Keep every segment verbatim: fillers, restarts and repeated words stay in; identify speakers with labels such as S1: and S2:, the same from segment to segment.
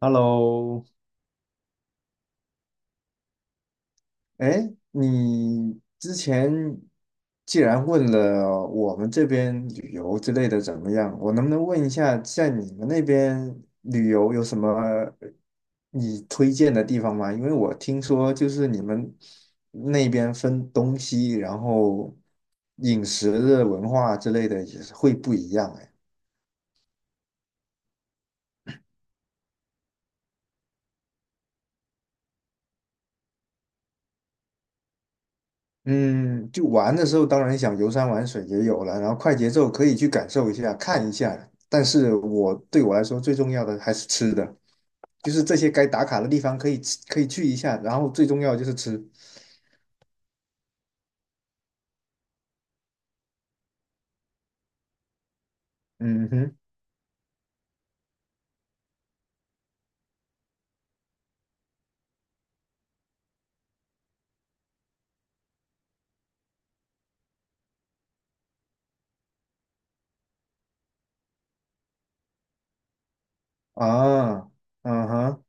S1: Hello,哎，你之前既然问了我们这边旅游之类的怎么样，我能不能问一下，在你们那边旅游有什么你推荐的地方吗？因为我听说就是你们那边分东西，然后饮食的文化之类的也是会不一样哎。嗯，就玩的时候，当然想游山玩水也有了，然后快节奏可以去感受一下、看一下。但是我对我来说最重要的还是吃的，就是这些该打卡的地方可以吃可以去一下，然后最重要的就是吃。嗯哼。啊。嗯哼。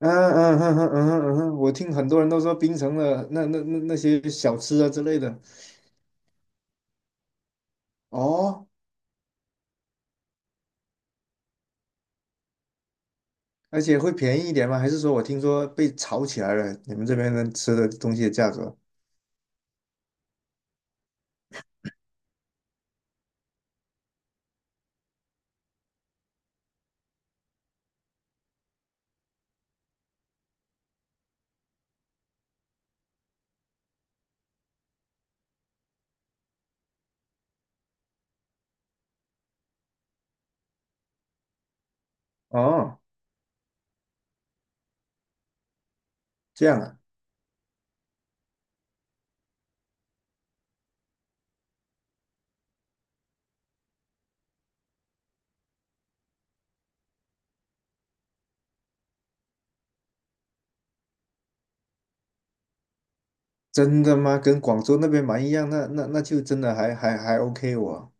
S1: 嗯嗯哼，嗯哼，嗯哼，嗯哼，我听很多人都说槟城的那那那那些小吃啊之类的。哦，而且会便宜一点吗？还是说我听说被炒起来了？你们这边的吃的东西的价格？哦，这样啊。真的吗？跟广州那边蛮一样，那那那就真的还还还 OK 我。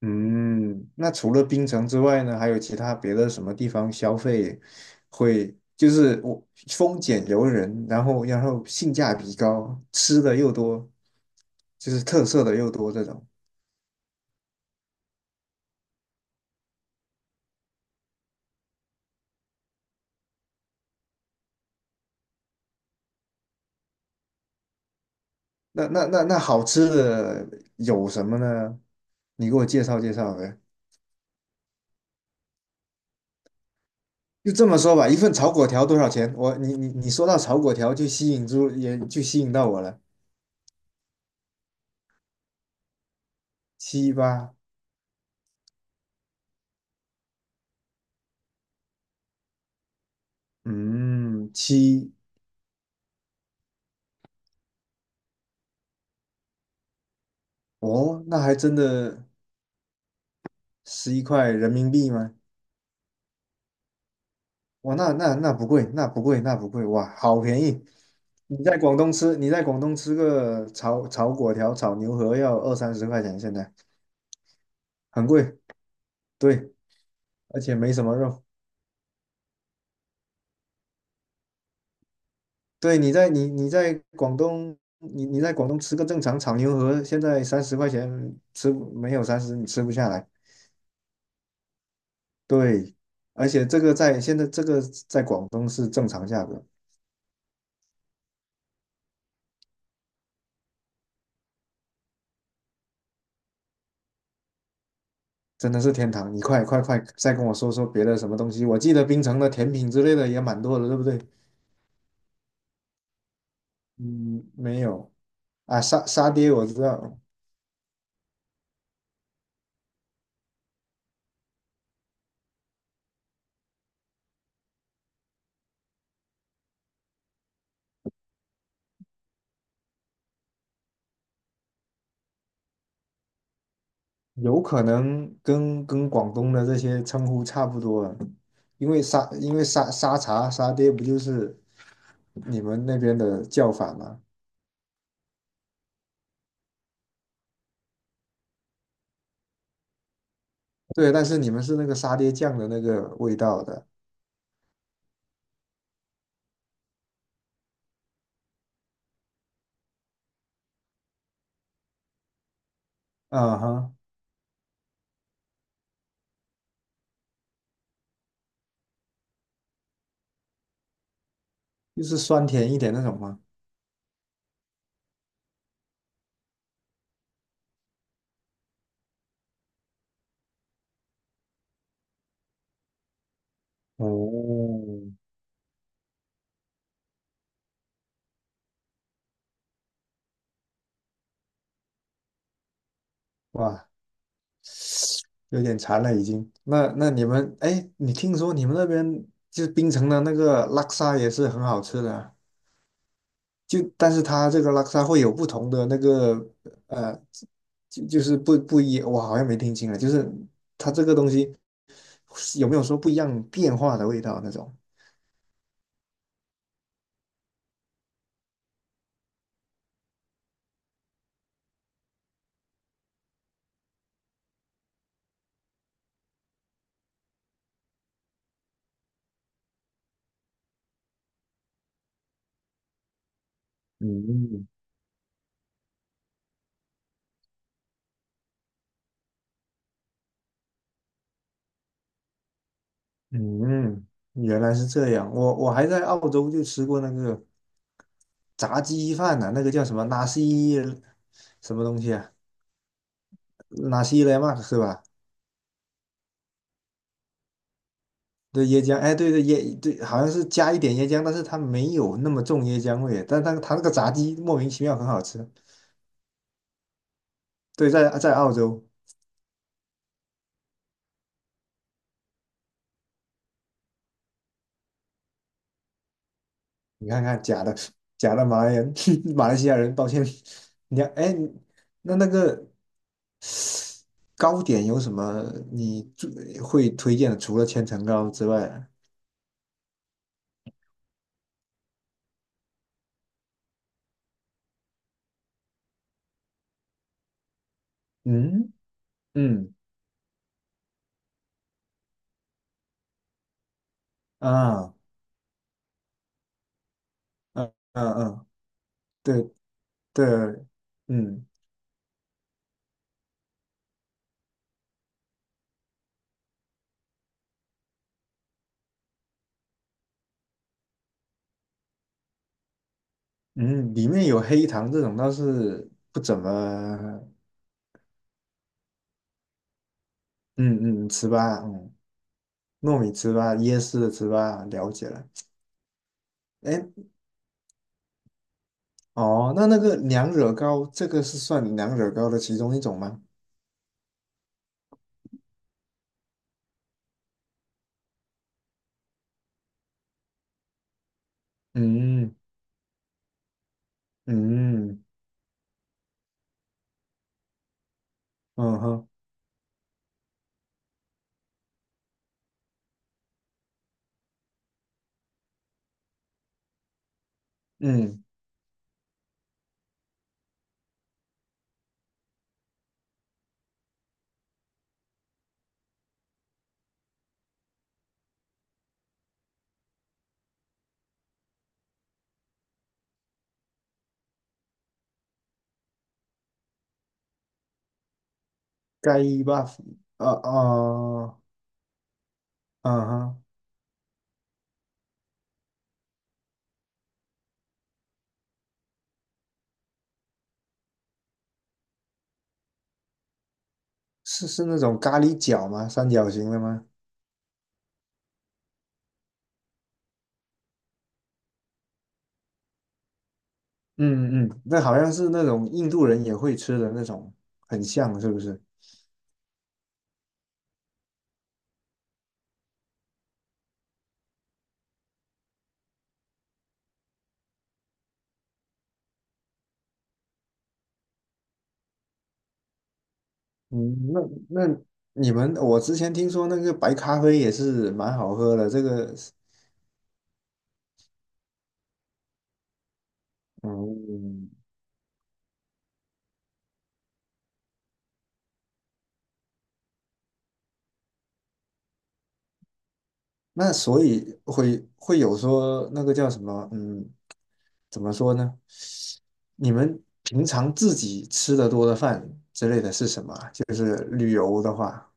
S1: 嗯，那除了槟城之外呢，还有其他别的什么地方消费会就是我丰俭由人，然后然后性价比高，吃的又多，就是特色的又多这种。那那那那好吃的有什么呢？你给我介绍介绍呗。就这么说吧，一份炒粿条多少钱？我你你你说到炒粿条就吸引住，也就吸引到我了。七八。嗯，七。哦，那还真的十一块人民币吗？哇，那那那不贵，那不贵，那不贵，哇，好便宜！你在广东吃，你在广东吃个炒炒粿条、炒牛河要二三十块钱，现在很贵。对，而且没什么肉。对，你在你你在广东，你你在广东吃个正常炒牛河，现在三十块钱吃不没有三十你吃不下来。对，而且这个在现在这个在广东是正常价格。真的是天堂！你快快快，再跟我说说别的什么东西。我记得槟城的甜品之类的也蛮多的，对不对？嗯，没有。啊，沙沙爹我知道。有可能跟跟广东的这些称呼差不多了，因为沙因为沙沙茶沙爹不就是你们那边的叫法吗？对，但是你们是那个沙爹酱的那个味道的。啊哈，就是酸甜一点那种吗？哦，哇，有点馋了已经。那那你们，哎，你听说你们那边就是槟城的那个拉沙也是很好吃的啊。就但是它这个拉沙会有不同的那个呃，就就是不不一，我好像没听清了，就是它这个东西有没有说不一样变化的味道那种？嗯。嗯，原来是这样。我我还在澳洲就吃过那个炸鸡饭呢、那个叫什么纳西什么东西啊？纳西莱曼是吧？对椰浆，哎，对对椰，对，好像是加一点椰浆，但是它没有那么重椰浆味，但它它那个炸鸡莫名其妙很好吃。对，在在澳洲。你看看假的假的马来人，马来西亚人，抱歉。你要哎，那那个糕点有什么你最会推荐的？除了千层糕之外，嗯。嗯。啊嗯。嗯嗯，对对，嗯嗯，里面有黑糖这种倒是不怎么，嗯嗯吃吧，嗯。糯米糍粑、椰丝的糍粑了解了。哎，哦，那那个娘惹糕，这个是算娘惹糕的其中一种吗？嗯。嗯嗯哼嗯。盖伊巴夫。啊呃嗯哼。是是那种咖喱饺吗？三角形的吗？嗯嗯，那好像是那种印度人也会吃的那种，很像是不是？嗯，那那你们，我之前听说那个白咖啡也是蛮好喝的，这个是嗯，那所以会会有说那个叫什么，嗯，怎么说呢？你们平常自己吃的多的饭之类的是什么啊就是旅游的话，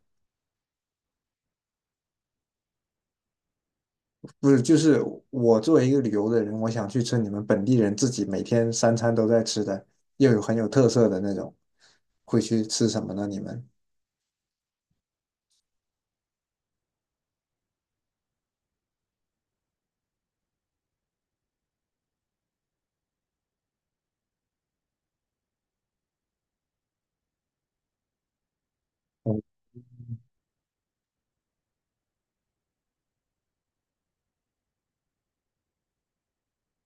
S1: 不是，就是我作为一个旅游的人，我想去吃你们本地人自己每天三餐都在吃的，又有很有特色的那种，会去吃什么呢？你们？嗯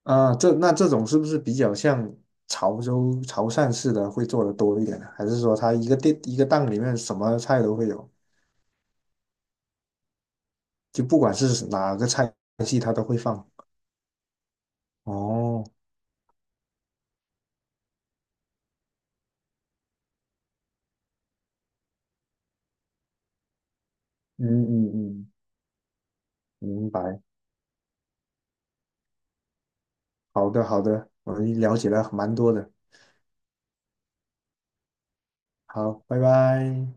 S1: 啊，这那这种是不是比较像潮州潮汕式的会做的多一点呢？还是说它一个店一个档里面什么菜都会有？就不管是哪个菜系，它都会放。哦，嗯嗯嗯，明白。好的好的，我了解了蛮多的。好，拜拜。